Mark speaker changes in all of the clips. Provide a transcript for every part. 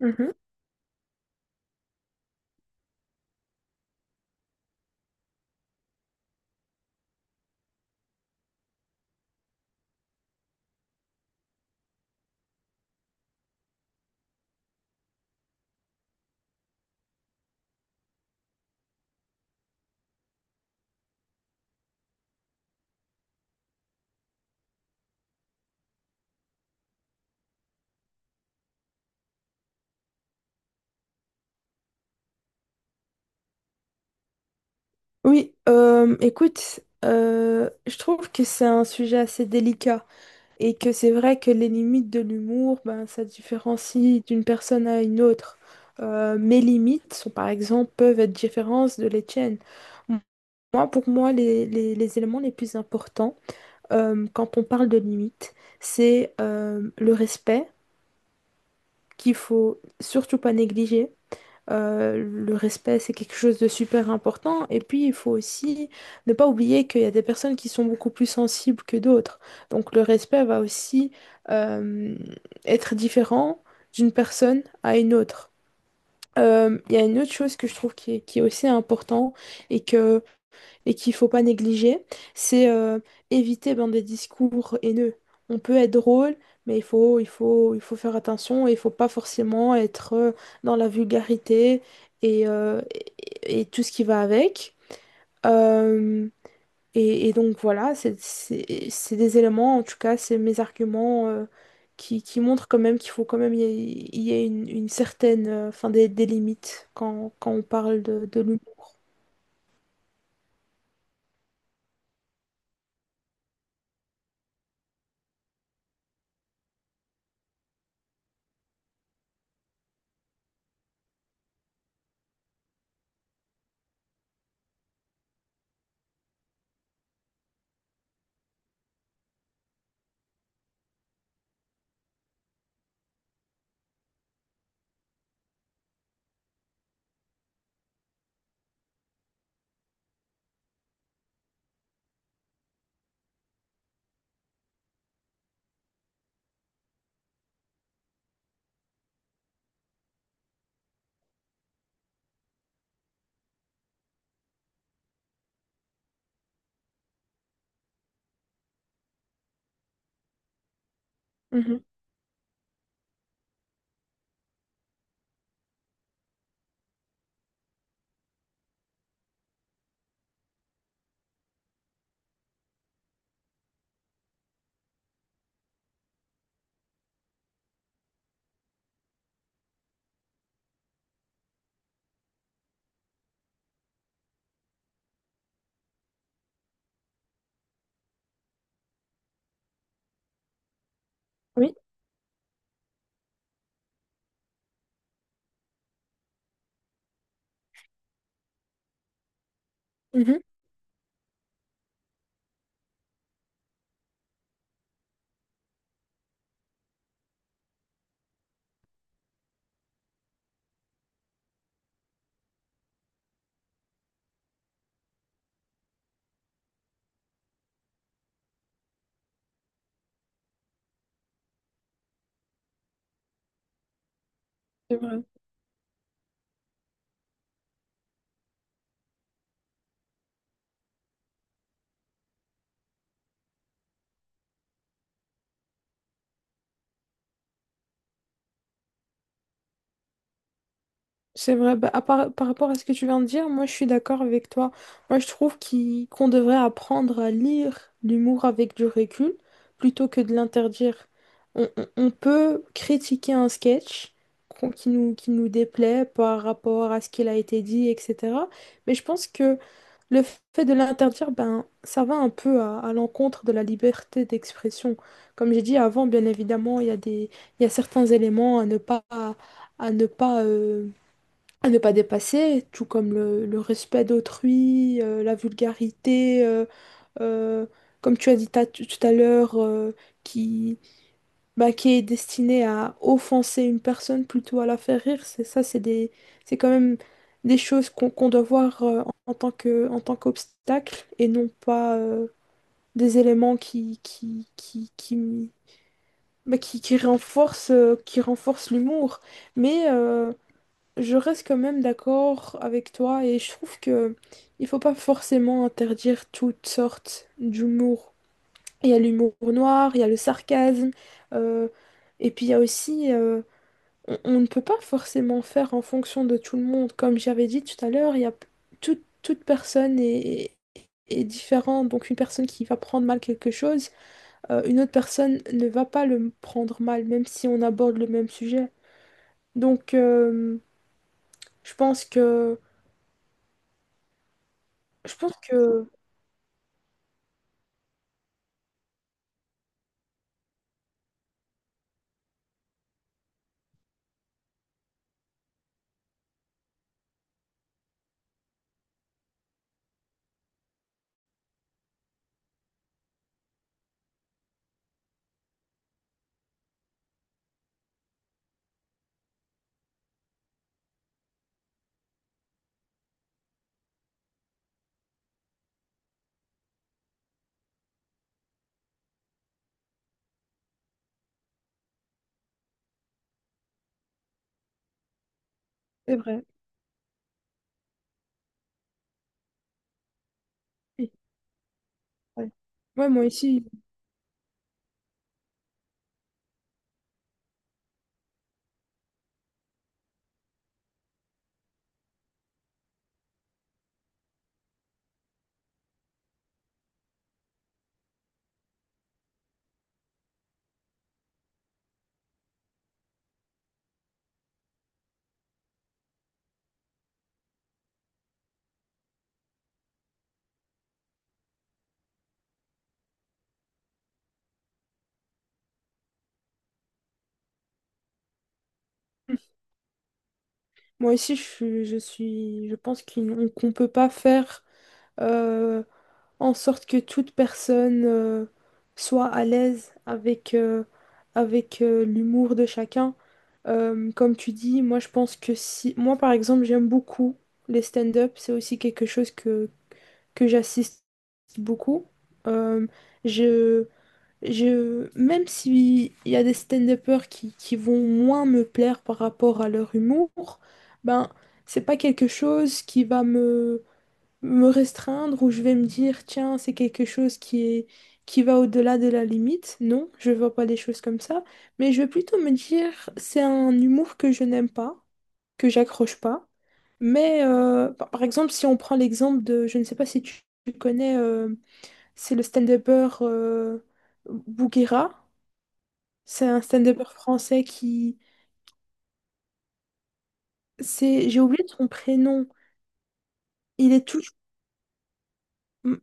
Speaker 1: Mhm. Oui, écoute, je trouve que c'est un sujet assez délicat et que c'est vrai que les limites de l'humour, ben, ça différencie d'une personne à une autre. Mes limites sont, par exemple, peuvent être différentes de les tiennes. Moi, pour moi, les éléments les plus importants quand on parle de limites, c'est le respect qu'il faut surtout pas négliger. Le respect, c'est quelque chose de super important. Et puis, il faut aussi ne pas oublier qu'il y a des personnes qui sont beaucoup plus sensibles que d'autres. Donc, le respect va aussi euh, être différent d'une personne à une autre. Il y a une autre chose que je trouve qui est aussi important et que et qu'il faut pas négliger, c'est éviter ben, des discours haineux. On peut être drôle, mais il faut faire attention et il faut pas forcément être dans la vulgarité et, euh, et tout ce qui va avec. Euh, et donc voilà, c'est des éléments, en tout cas, c'est mes arguments qui montrent quand même qu'il faut quand même y ait une certaine, enfin des limites quand on parle de l'humour. Mhm. Oui. Mhm. C'est vrai. C'est vrai, bah, par rapport à ce que tu viens de dire, moi je suis d'accord avec toi. Moi je trouve qu'on devrait apprendre à lire l'humour avec du recul plutôt que de l'interdire. On peut critiquer un sketch qui nous déplaît par rapport à ce qu'il a été dit, etc. Mais je pense que le fait de l'interdire, ben, ça va un peu à l'encontre de la liberté d'expression. Comme j'ai dit avant, bien évidemment, il y a certains éléments à ne pas, à ne pas euh, à ne pas dépasser, tout comme le respect d'autrui, la vulgarité, euh, comme tu as dit tout à l'heure, qui, bah, qui est destiné à offenser une personne plutôt à la faire rire, c'est ça, c'est quand même des choses qu'on doit voir en, en tant que, en tant qu'obstacle et non pas des éléments qui, bah, qui renforcent l'humour. Mais je reste quand même d'accord avec toi et je trouve que il faut pas forcément interdire toutes sortes d'humour. Il y a l'humour noir, il y a le sarcasme, euh, et puis il y a aussi on ne peut pas forcément faire en fonction de tout le monde. Comme j'avais dit tout à l'heure, il y a toute personne est, est différente. Donc une personne qui va prendre mal quelque chose, une autre personne ne va pas le prendre mal, même si on aborde le même sujet. Donc je pense que Je pense que c'est vrai. Oui, ouais. Ouais, moi ici, je pense qu'on peut pas faire euh, en sorte que toute personne soit à l'aise avec l'humour de chacun. Comme tu dis, moi je pense que si, moi par exemple, j'aime beaucoup les stand-up. C'est aussi quelque chose que j'assiste beaucoup. Euh, je Je, même s'il y a des stand-uppers qui vont moins me plaire par rapport à leur humour, ben, c'est pas quelque chose qui va me restreindre ou je vais me dire, tiens, c'est quelque chose qui va au-delà de la limite. Non, je vois pas des choses comme ça. Mais je vais plutôt me dire, c'est un humour que je n'aime pas, que j'accroche pas. Mais par exemple, si on prend l'exemple de, je ne sais pas si tu connais c'est le stand-upper Bouguera. C'est un stand-upper français qui... C'est... J'ai oublié son prénom. Il est toujours...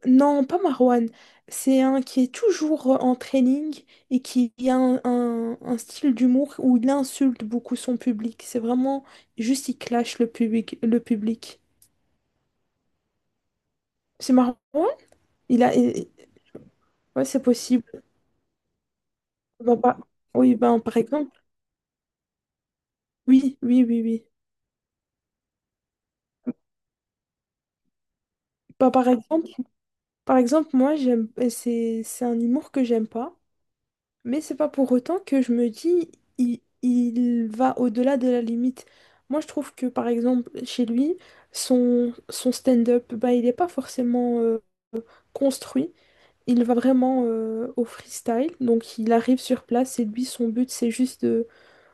Speaker 1: Non, pas Marwan. C'est un qui est toujours en training et qui a un style d'humour où il insulte beaucoup son public. C'est vraiment... Juste, il clash le public. Le public. C'est Marwan? Il a... il- Ouais, c'est possible. Bah, pas- Oui, ben, par exemple. Oui, oui, oui, oui. Bah, par exemple... Par exemple, moi, c'est un humour que j'aime pas, mais c'est pas pour autant que je me dis il va au-delà de la limite. Moi, je trouve que, par exemple, chez lui, son stand-up, bah, il n'est pas forcément construit. Il va vraiment au freestyle. Donc, il arrive sur place et lui, son but, c'est juste de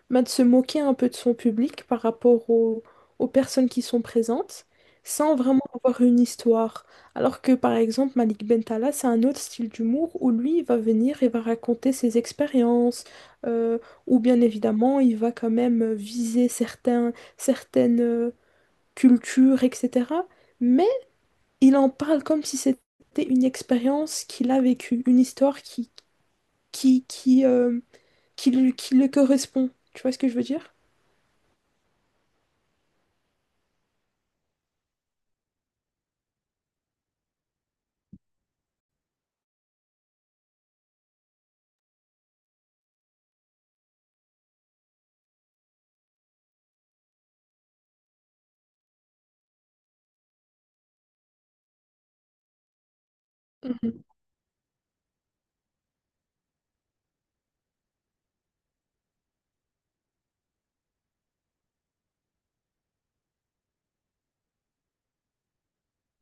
Speaker 1: bah, de se moquer un peu de son public par rapport aux personnes qui sont présentes, sans vraiment avoir une histoire. Alors que par exemple, Malik Bentala, c'est un autre style d'humour où lui, il va venir et va raconter ses expériences, euh, ou bien évidemment, il va quand même viser certaines cultures, etc. Mais il en parle comme si c'était une expérience qu'il a vécue, une histoire qui, qui, euh, qui qui le correspond. Tu vois ce que je veux dire?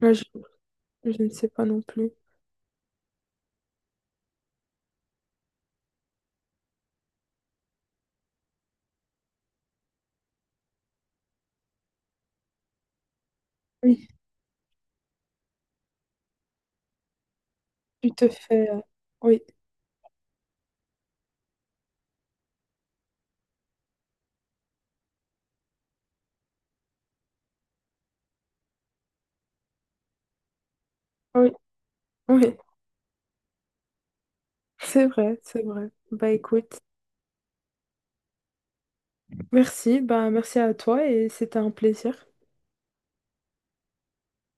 Speaker 1: Moi, je ne sais pas non plus. Oui. Tu te fais... Oui, oui, oui. C'est vrai, c'est vrai. Bah écoute, merci, bah merci à toi et c'était un plaisir.